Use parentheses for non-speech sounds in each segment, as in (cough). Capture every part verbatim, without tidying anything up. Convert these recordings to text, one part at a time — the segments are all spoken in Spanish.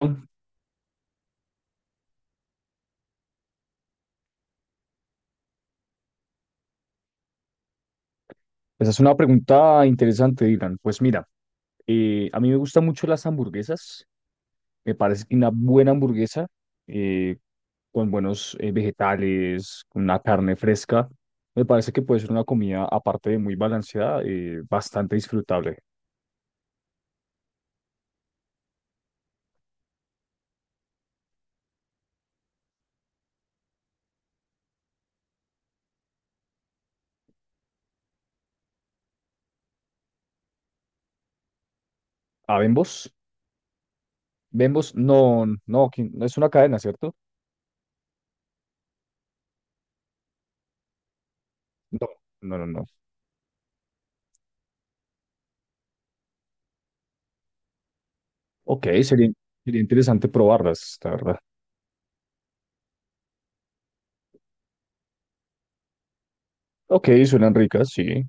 Esa es una pregunta interesante, Dylan. Pues mira, eh, a mí me gustan mucho las hamburguesas. Me parece que una buena hamburguesa eh, con buenos eh, vegetales, con una carne fresca, me parece que puede ser una comida, aparte de muy balanceada, eh, bastante disfrutable. ¿A Bembos? Bembos, no, no, aquí no es una cadena, ¿cierto? No, no, no, no. Ok, sería, sería interesante probarlas, la verdad. Ok, suenan ricas, sí.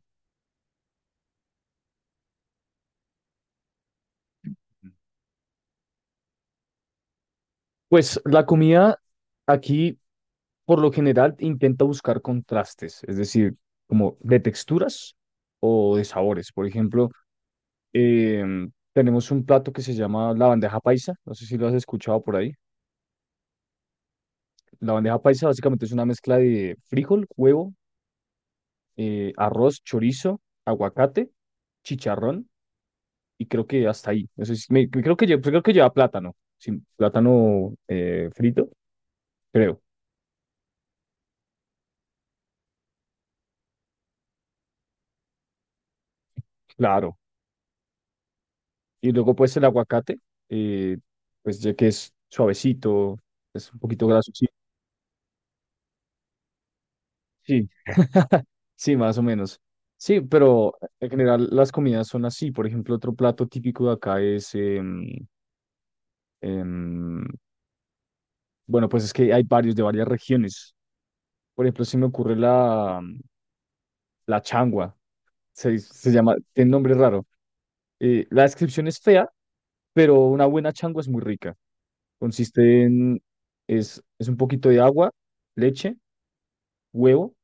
Pues la comida aquí, por lo general intenta buscar contrastes, es decir, como de texturas o de sabores. Por ejemplo, em, tenemos un plato que se llama la bandeja paisa, no sé si lo has escuchado por ahí. La bandeja paisa básicamente es una mezcla de frijol, huevo, eh, arroz, chorizo, aguacate, chicharrón y creo que hasta ahí. No sé si- me- creo que, lle- pues creo que lleva plátano, sin plátano eh, frito, creo, claro. Y luego pues el aguacate, eh, pues ya que es suavecito, es un poquito graso. Sí, sí, sí, más o menos. Sí, pero en general las comidas son así. Por ejemplo, otro plato típico de acá es, em, em, bueno, pues es que hay varios de varias regiones. Por ejemplo, se me ocurre la, la changua, se, se llama, tiene nombre raro. Eh, la descripción es fea, pero una buena changua es muy rica. Consiste en, es, es un poquito de agua, leche, huevo,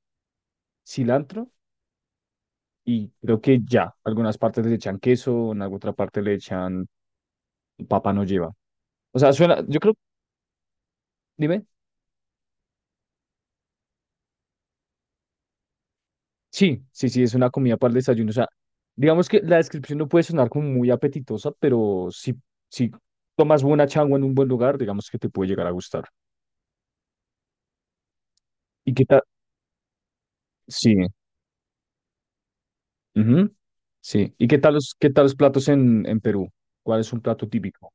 cilantro y creo que ya. Algunas partes le echan queso, en alguna otra parte le echan papa, no lleva. O sea, suena, yo creo, dime, sí, sí, sí, es una comida para el desayuno. O sea, digamos que la descripción no puede sonar como muy apetitosa, pero si, si tomas buena changua en un buen lugar, digamos que te puede llegar a gustar. ¿Y qué tal? Sí, ujú, sí. ¿Y qué tal los, qué tal los platos en, en Perú? ¿Cuál es un plato típico?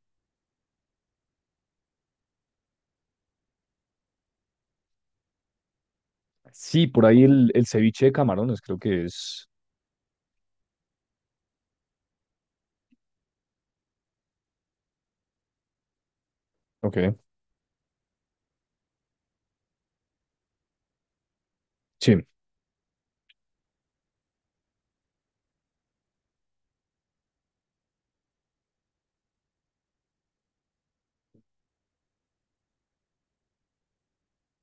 Sí, por ahí el, el ceviche de camarones, creo que es. Ok, sí.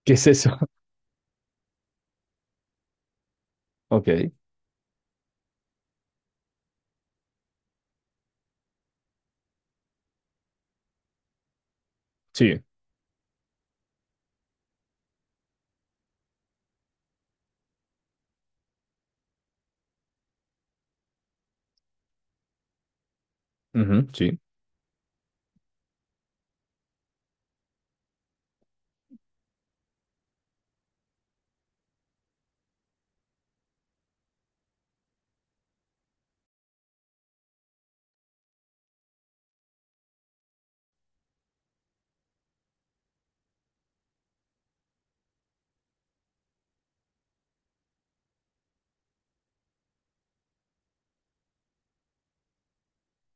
¿Qué es eso? (laughs) Ok. Sí, ujú, sí.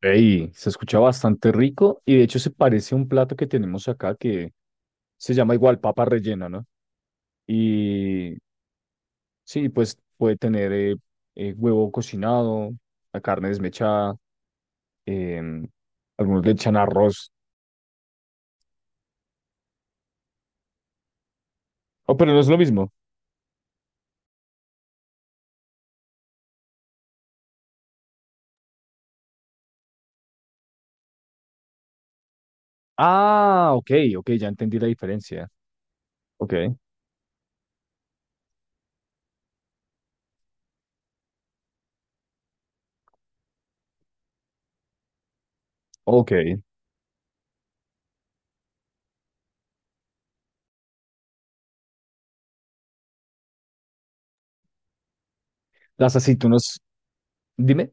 Ey, se escucha bastante rico y de hecho se parece a un plato que tenemos acá que se llama igual papa rellena, ¿no? Y sí, pues puede tener eh, eh, huevo cocinado, la carne desmechada, em, algunos le echan arroz. Oh, pero no es lo mismo. Ah, ok, ok, ya entendí la diferencia. Ok, ok. Las aceitunas, dime.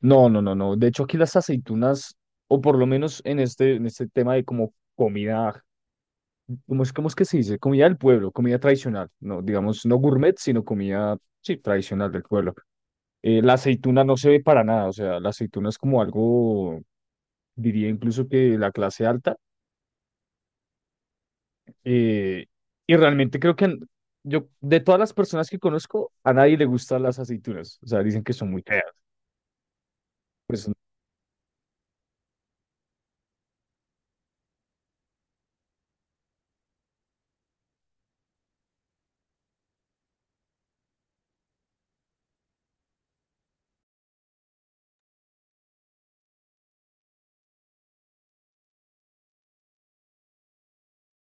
No, no, no, no. De hecho, aquí las aceitunas, o por lo menos en este, en este tema de como comida. ¿Cómo es, cómo es que se dice? Comida del pueblo, comida tradicional, no, digamos, no gourmet, sino comida, sí, tradicional del pueblo. Eh, la aceituna no se ve para nada, o sea, la aceituna es como algo, diría incluso que de la clase alta, eh, y realmente creo que an- yo, de todas las personas que conozco, a nadie le gustan las aceitunas, o sea, dicen que son muy feas, pues,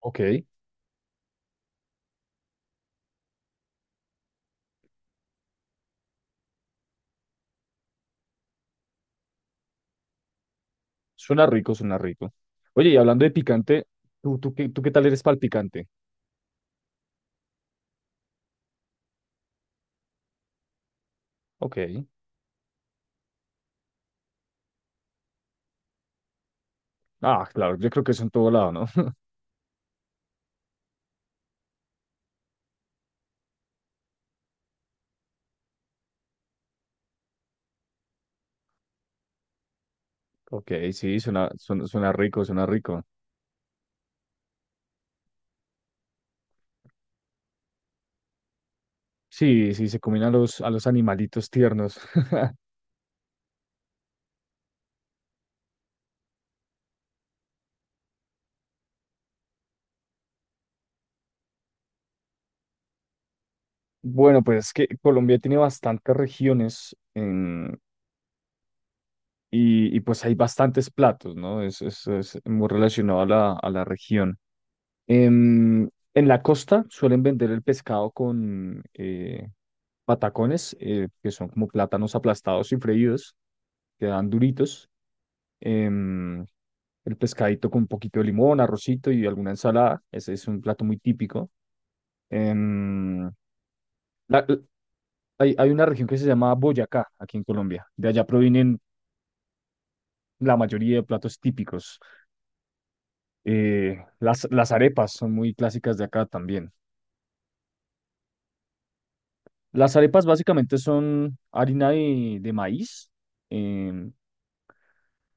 ok, suena rico, suena rico. Oye, y hablando de picante, ¿tú, tú, qué, tú qué tal eres para el picante? Ok, ah, claro, yo creo que eso en todo lado, ¿no? Ok, sí, suena, suena, suena rico, suena rico. Sí, sí, se combinan a los, a los animalitos tiernos. (laughs) Bueno, pues es que Colombia tiene bastantes regiones en- y, y pues hay bastantes platos, ¿no? Es, es, es muy relacionado a la, a la región. Em, en la costa suelen vender el pescado con eh, patacones, eh, que son como plátanos aplastados y freídos, que dan duritos. Em, el pescadito con un poquito de limón, arrocito y alguna ensalada. Ese es un plato muy típico. Em, la- la- hay, hay una región que se llama Boyacá, aquí en Colombia. De allá provienen la mayoría de platos típicos. Eh, las, las arepas son muy clásicas de acá también. Las arepas básicamente son harina de, de maíz, em,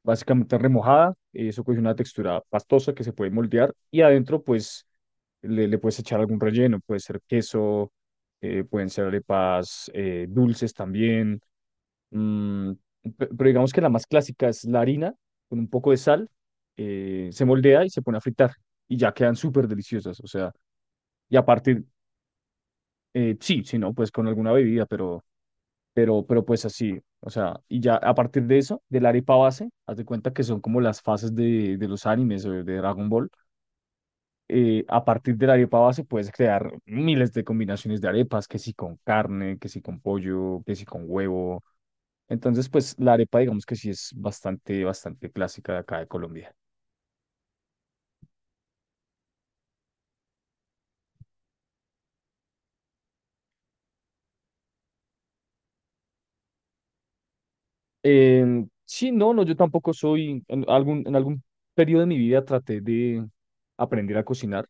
básicamente remojada. Eso coge una textura pastosa que se puede moldear y adentro pues le, le puedes echar algún relleno, puede ser queso, eh, pueden ser arepas eh, dulces también, mm, pe- pero digamos que la más clásica es la harina con un poco de sal, eh, se moldea y se pone a fritar y ya quedan súper deliciosas, o sea, y aparte, eh, sí, si no, pues con alguna bebida, pero, pero, pero pues así, o sea, y ya a partir de eso, de la arepa base, haz de cuenta que son como las fases de, de los animes o de Dragon Ball, eh, a partir de la arepa base puedes crear miles de combinaciones de arepas, que si con carne, que si con pollo, que si con huevo. Entonces, pues la arepa, digamos que sí es bastante, bastante clásica de acá de Colombia. Em, sí, no, no, yo tampoco soy, en algún, en algún periodo de mi vida traté de aprender a cocinar,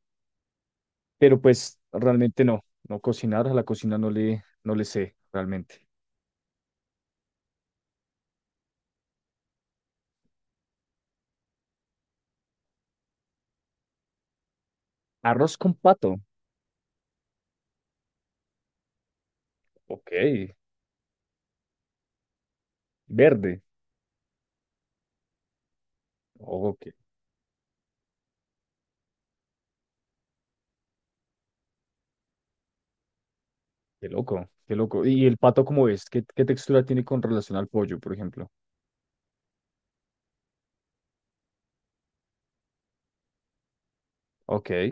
pero pues realmente no, no cocinar, a la cocina no le, no le sé realmente. Arroz con pato, ok, verde, ok. Qué loco, qué loco. ¿Y el pato cómo es? ¿Qué, qué textura tiene con relación al pollo, por ejemplo? Ok.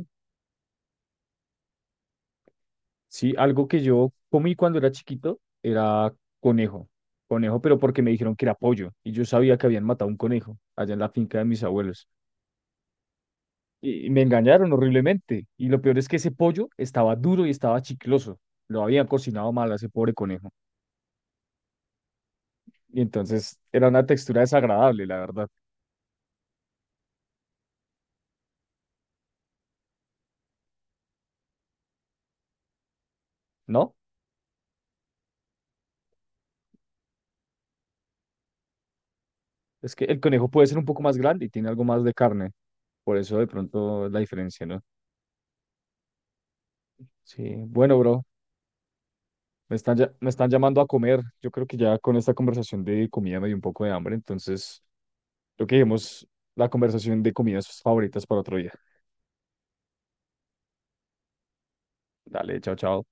Sí, algo que yo comí cuando era chiquito era conejo. Conejo, pero porque me dijeron que era pollo. Y yo sabía que habían matado un conejo allá en la finca de mis abuelos. Y, y me engañaron horriblemente. Y lo peor es que ese pollo estaba duro y estaba chicloso. Lo habían cocinado mal a ese pobre conejo. Y entonces era una textura desagradable, la verdad. ¿No? Es que el conejo puede ser un poco más grande y tiene algo más de carne. Por eso de pronto la diferencia, ¿no? Sí, bueno, bro, me están, ya- me están llamando a comer. Yo creo que ya con esta conversación de comida me dio un poco de hambre, entonces lo que dijimos, la conversación de comidas favoritas para otro día. Dale, chao, chao.